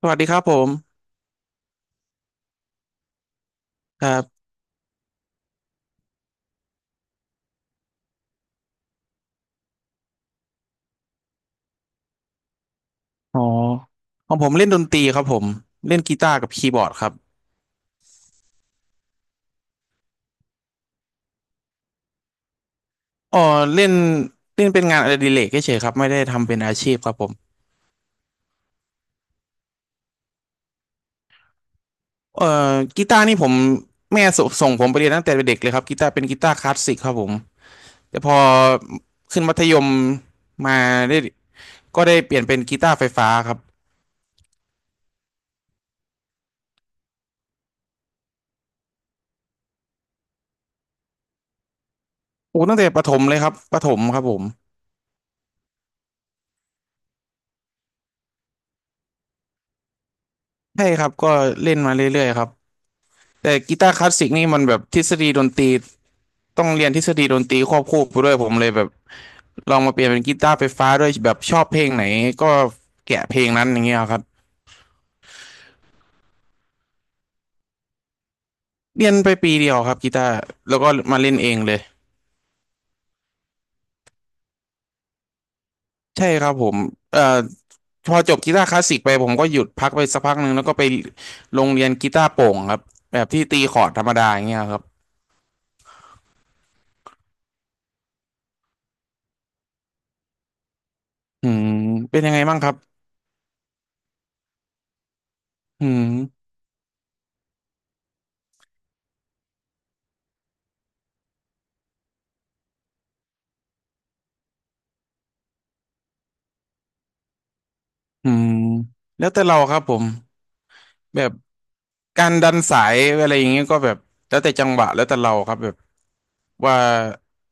สวัสดีครับผมครับอ๋อของผมเล่นดนตรีครับผมเล่นกีตาร์กับคีย์บอร์ดครับอ๋อเล่นเล่นเป็นงานอดิเรกเฉยๆครับไม่ได้ทำเป็นอาชีพครับผมเอ่อกีตาร์นี่ผมแม่สส่งผมไปเรียนตั้งแต่เด็กเลยครับกีตาร์เป็นกีตาร์คลาสสิกครับผมแต่พอขึ้นมัธยมมาได้ก็ได้เปลี่ยนเป็นกีตาร์ไฟฟ้าครับโอ้ตั้งแต่ประถมเลยครับประถมครับผมใช่ครับก็เล่นมาเรื่อยๆครับแต่กีตาร์คลาสสิกนี่มันแบบทฤษฎีดนตรี ต้องเรียนทฤษฎีดนตรีควบคู่ไปด้วยผมเลยแบบลองมาเปลี่ยนเป็นกีตาร์ไฟฟ้าด้วยแบบชอบเพลงไหนก็แกะเพลงนั้นอย่างเงี้ยครับเรียนไป1 ปีเดียวครับกีตาร์แล้วก็มาเล่นเองเลยใช่ครับผมเอ่อพอจบกีตาร์คลาสสิกไปผมก็หยุดพักไปสักพักหนึ่งแล้วก็ไปโรงเรียนกีตาร์โปร่งครับแบบที่ตีคอร์ดธรรมดาอย่างเงี้ยครับอืมเป็นยังไงบ้างครับอืมอืมแล้วแต่เราครับผมแบบ การดันสายอะไรอย่างเงี้ยก็แบบแล้วแต่จังหวะแล้วแต่เราครับแบบว่า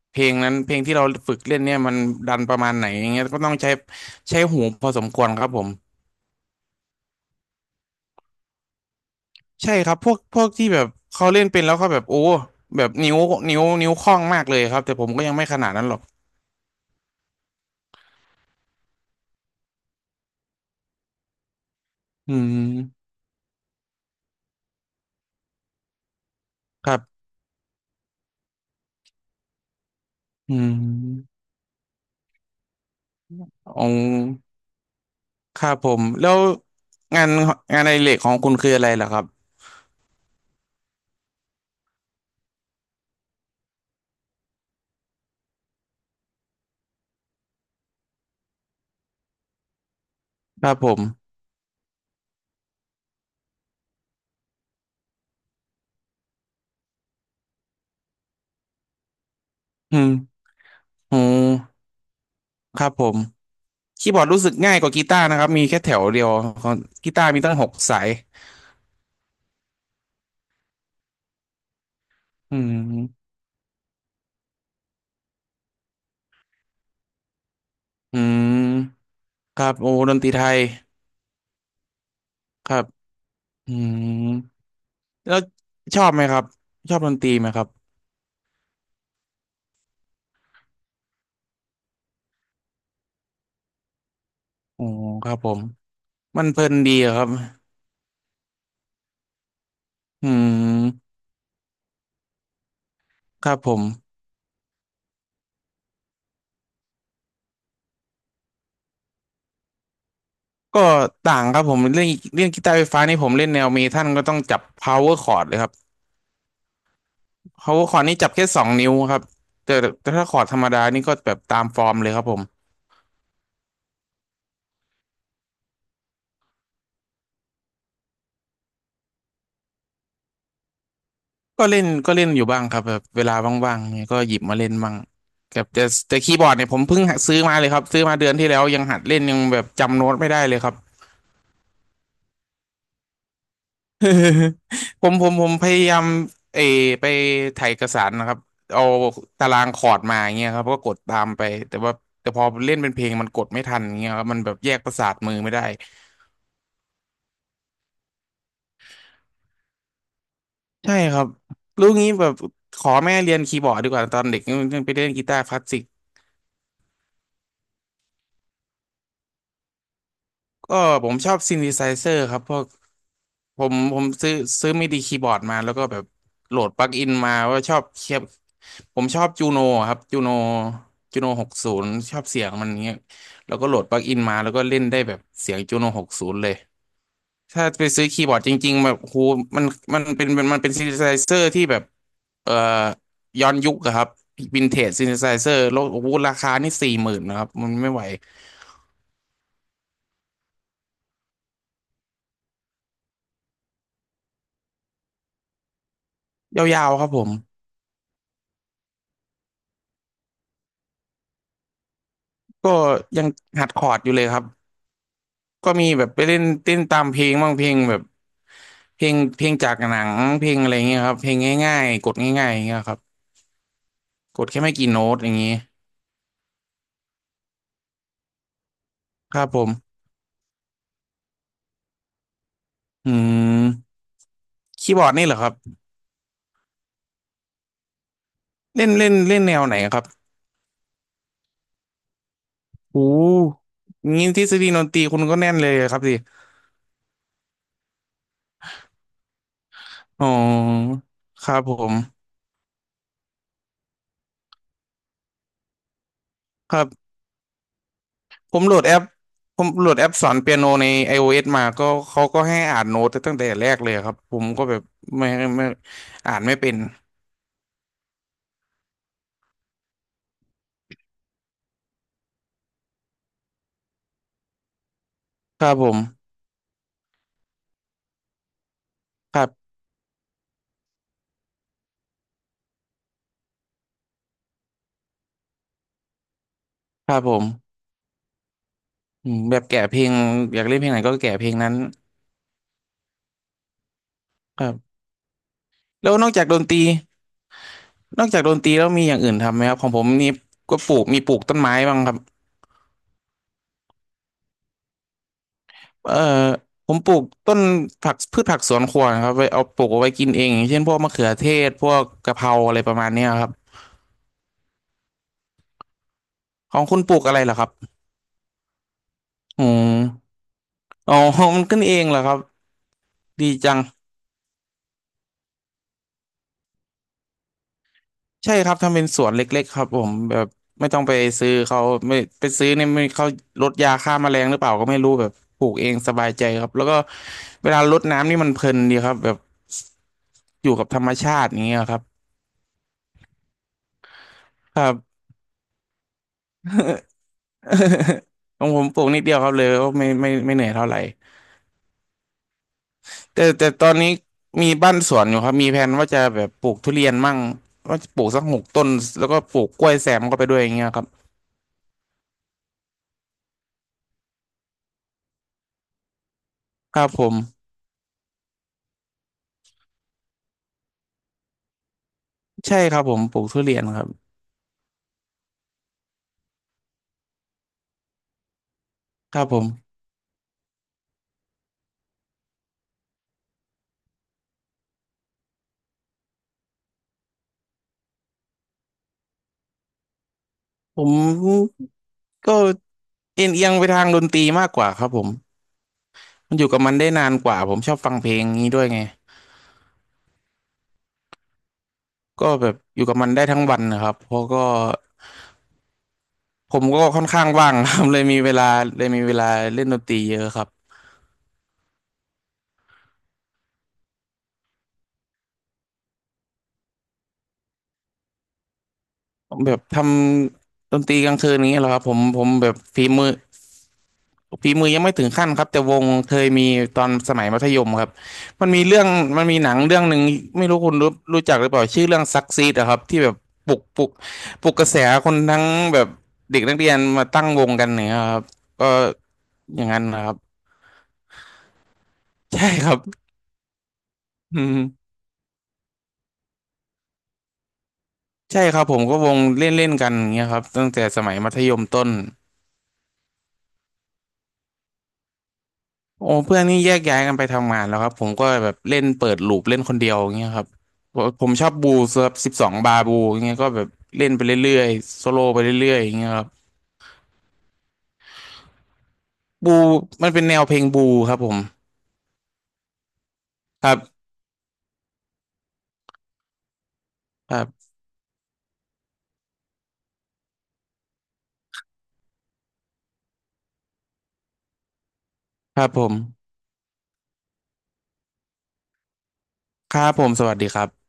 เพลงนั้นเพลงที่เราฝึกเล่นเนี่ยมันดันประมาณไหนอย่างเงี้ยก็ต้องใช้หูพอสมควรครับผมใช่ครับพวกที่แบบเขาเล่นเป็นแล้วเขาแบบโอ้แบบนิ้วนิ้วคล่องมากเลยครับแต่ผมก็ยังไม่ขนาดนั้นหรอกอืมครับอืมองครับผมแล้วงานงานอดิเรกของคุณคืออะไรล่ะครับครับผมอืมโอ้ครับผม คีย์บอร์ดรู้สึกง่ายกว่ากีตาร์นะครับมีแค่แถวเดียวกีตาร์มีตั้ง6 สายอืมอืมครับโอ้ดนตรีไทยครับอืมแล้วชอบไหมครับชอบดนตรีไหมครับอ๋อครับผมมันเพลินดีอะครับอืมครับผมก็ต่างครับผมเรื่องกีตาร์ไฟฟ้านี่ผมเล่นแนวเมทัลก็ต้องจับ power chord เลยครับ power chord นี่จับแค่2 นิ้วครับแต่แต่ถ้าคอร์ดธรรมดานี่ก็แบบตามฟอร์มเลยครับผม ก็เล่นอยู่บ้างครับแบบเวลาว่างๆเนี่ยก็หยิบมาเล่นบ้างแบบแต่แต่คีย์บอร์ดเนี่ยผมเพิ่งหัดซื้อมาเลยครับซื้อมาเดือนที่แล้วยังหัดเล่นยังแบบจำโน้ตไม่ได้เลยครับ ผมพยายามเออไปถ่ายเอกสารนะครับเอาตารางคอร์ดมาอย่างเงี้ยครับก็กดตามไปแต่ว่าแต่พอเล่นเป็นเพลงมันกดไม่ทันอย่างเงี้ยครับมันแบบแยกประสาทมือไม่ได้ใช่ครับรู้งี้แบบขอแม่เรียนคีย์บอร์ดดีกว่าตอนเด็กยังไปเล่นกีตาร์คลาสสิกก็ผมชอบซินธิไซเซอร์ครับพวก ผมซื้อซื้อมิดีคีย์บอร์ดมาแล้วก็แบบโหลดปลั๊กอินมาว่าชอบเคียบผมชอบจูโนครับจูโนจูโนหกศูนย์ชอบเสียงมันเงี้ยแล้วก็โหลดปลั๊กอินมาแล้วก็เล่นได้แบบเสียงจูโนหกศูนย์เลยถ้าไปซื้อคีย์บอร์ดจริงๆแบบโหมันมันเป็นมันเป็นซินธิไซเซอร์ที่แบบเอ่อย้อนยุคอะครับวินเทจซินธิไซเซอร์แล้วโอ้โหราคานี่40,000นะครับมันไม่ไหวยาวๆครับผมก็ยังหัดคอร์ดอยู่เลยครับ ก็มีแบบไปเล่นเต้นตามเพลงบ้างเพลงแบบเพลงเพลงจากหนังเพลงอะไรเงี้ยครับเพลงง่ายๆกดง่ายๆอย่างเงี้ยครับกดแค่ไม่กี่โน้ตอย่างงี้ครับผมอืมคีย์บอร์ดนี่เหรอครับเล่นเล่นเล่นแนวไหนครับโอ้งี้ทฤษฎีดนตรีคุณก็แน่นเลยครับสิอ๋อครับผมครับผมโหลดแอปผมโหลดแอปสอนเปียโนใน iOS มาก็เขาก็ให้อ่านโน้ตตั้งแต่แรกเลยครับผมก็แบบไม่ไม่อ่านไม่เป็นครับผมครับ ครับผมอืมแบบแกะเพลงอยากเล่นเพลงไหนก็แกะเพลงนั้นครับแล้วนอกจากดนตรีนอกจากดนตรีแล้วมีอย่างอื่นทำไหมครับของผมนี่ก็ปลูกมีปลูกต้นไม้บ้างครับเอ่อผมปลูกต้นผักพืชผักสวนครัวนะครับไว้เอาปลูกเอาไว้กินเองอย่างเช่นพวกมะเขือเทศพวกกะเพราอะไรประมาณเนี้ยครับของคุณปลูกอะไรเหรอครับอืมอ๋อ มันขึ้นเองเหรอครับดีจัง ใช่ครับทำเป็นสวนเล็กๆครับผมแบบไม่ต้องไปซื้อเขาไม่ไปซื้อเนี่ยไม่เขาลดยาฆ่าแมลงหรือเปล่าก็ไม่รู้แบบปลูกเองสบายใจครับแล้วก็เวลารดน้ำนี่มันเพลินดีครับแบบอยู่กับธรรมชาติอย่างเงี้ยครับครับ ของผมปลูกนิดเดียวครับเลยก็ไม่เหนื่อยเท่าไหร่แต่ตอนนี้มีบ้านสวนอยู่ครับมีแผนว่าจะแบบปลูกทุเรียนมั่งว่าจะปลูกสัก6 ต้นแล้วก็ปลูกกล้วยแซมเข้าไปด้วยอย่างเงี้ยครับครับผมใช่ครับผมปลูกทุเรียนครับครับผม ผมก็เอียงไปทางดนตรีมากกว่าครับผมมันอยู่กับมันได้นานกว่าผมชอบฟังเพลงนี้ด้วยไงก็แบบอยู่กับมันได้ทั้งวันนะครับเพราะก็ผมก็ค่อนข้างว่างครับ เลยมีเวลาเลยมีเวลาเล่นดนตรีเยอะครับผมแบบทำดนตรีกลางคืนนี้เหรอครับผมแบบฝีมือ ฝีมือยังไม่ถึงขั้นครับแต่วงเคยมีตอนสมัยมัธยมครับมันมีเรื่องมันมีหนังเรื่องหนึ่งไม่รู้คุณรู้จักหรือเปล่าชื่อเรื่องซักซีดอะครับที่แบบปลุกปลุกกระแสคนทั้งแบบเด็กนักเรียนมาตั้งวงกันเนี่ยครับก็อย่างนั้นนะครับใช่ครับ อืมใช่ครับผมก็วงเล่นเล่นกันอย่างเงี้ยครับตั้งแต่สมัยมัธยมต้น โอ้เพื่อนนี่แยกย้ายกันไปทำงานแล้วครับผมก็แบบเล่นเปิดลูปเล่นคนเดียวอย่างเงี้ยครับผมชอบบูครับ12 บาบูอย่างเงี้ยก็แบบเล่นไปเรื่อยๆโซโล่ไปเรื่อยๆอย่างเงี้ยครับบูมันเป็นแนวเพลงบูครับผมครับครับครับผมครับผมสวัสดีครับ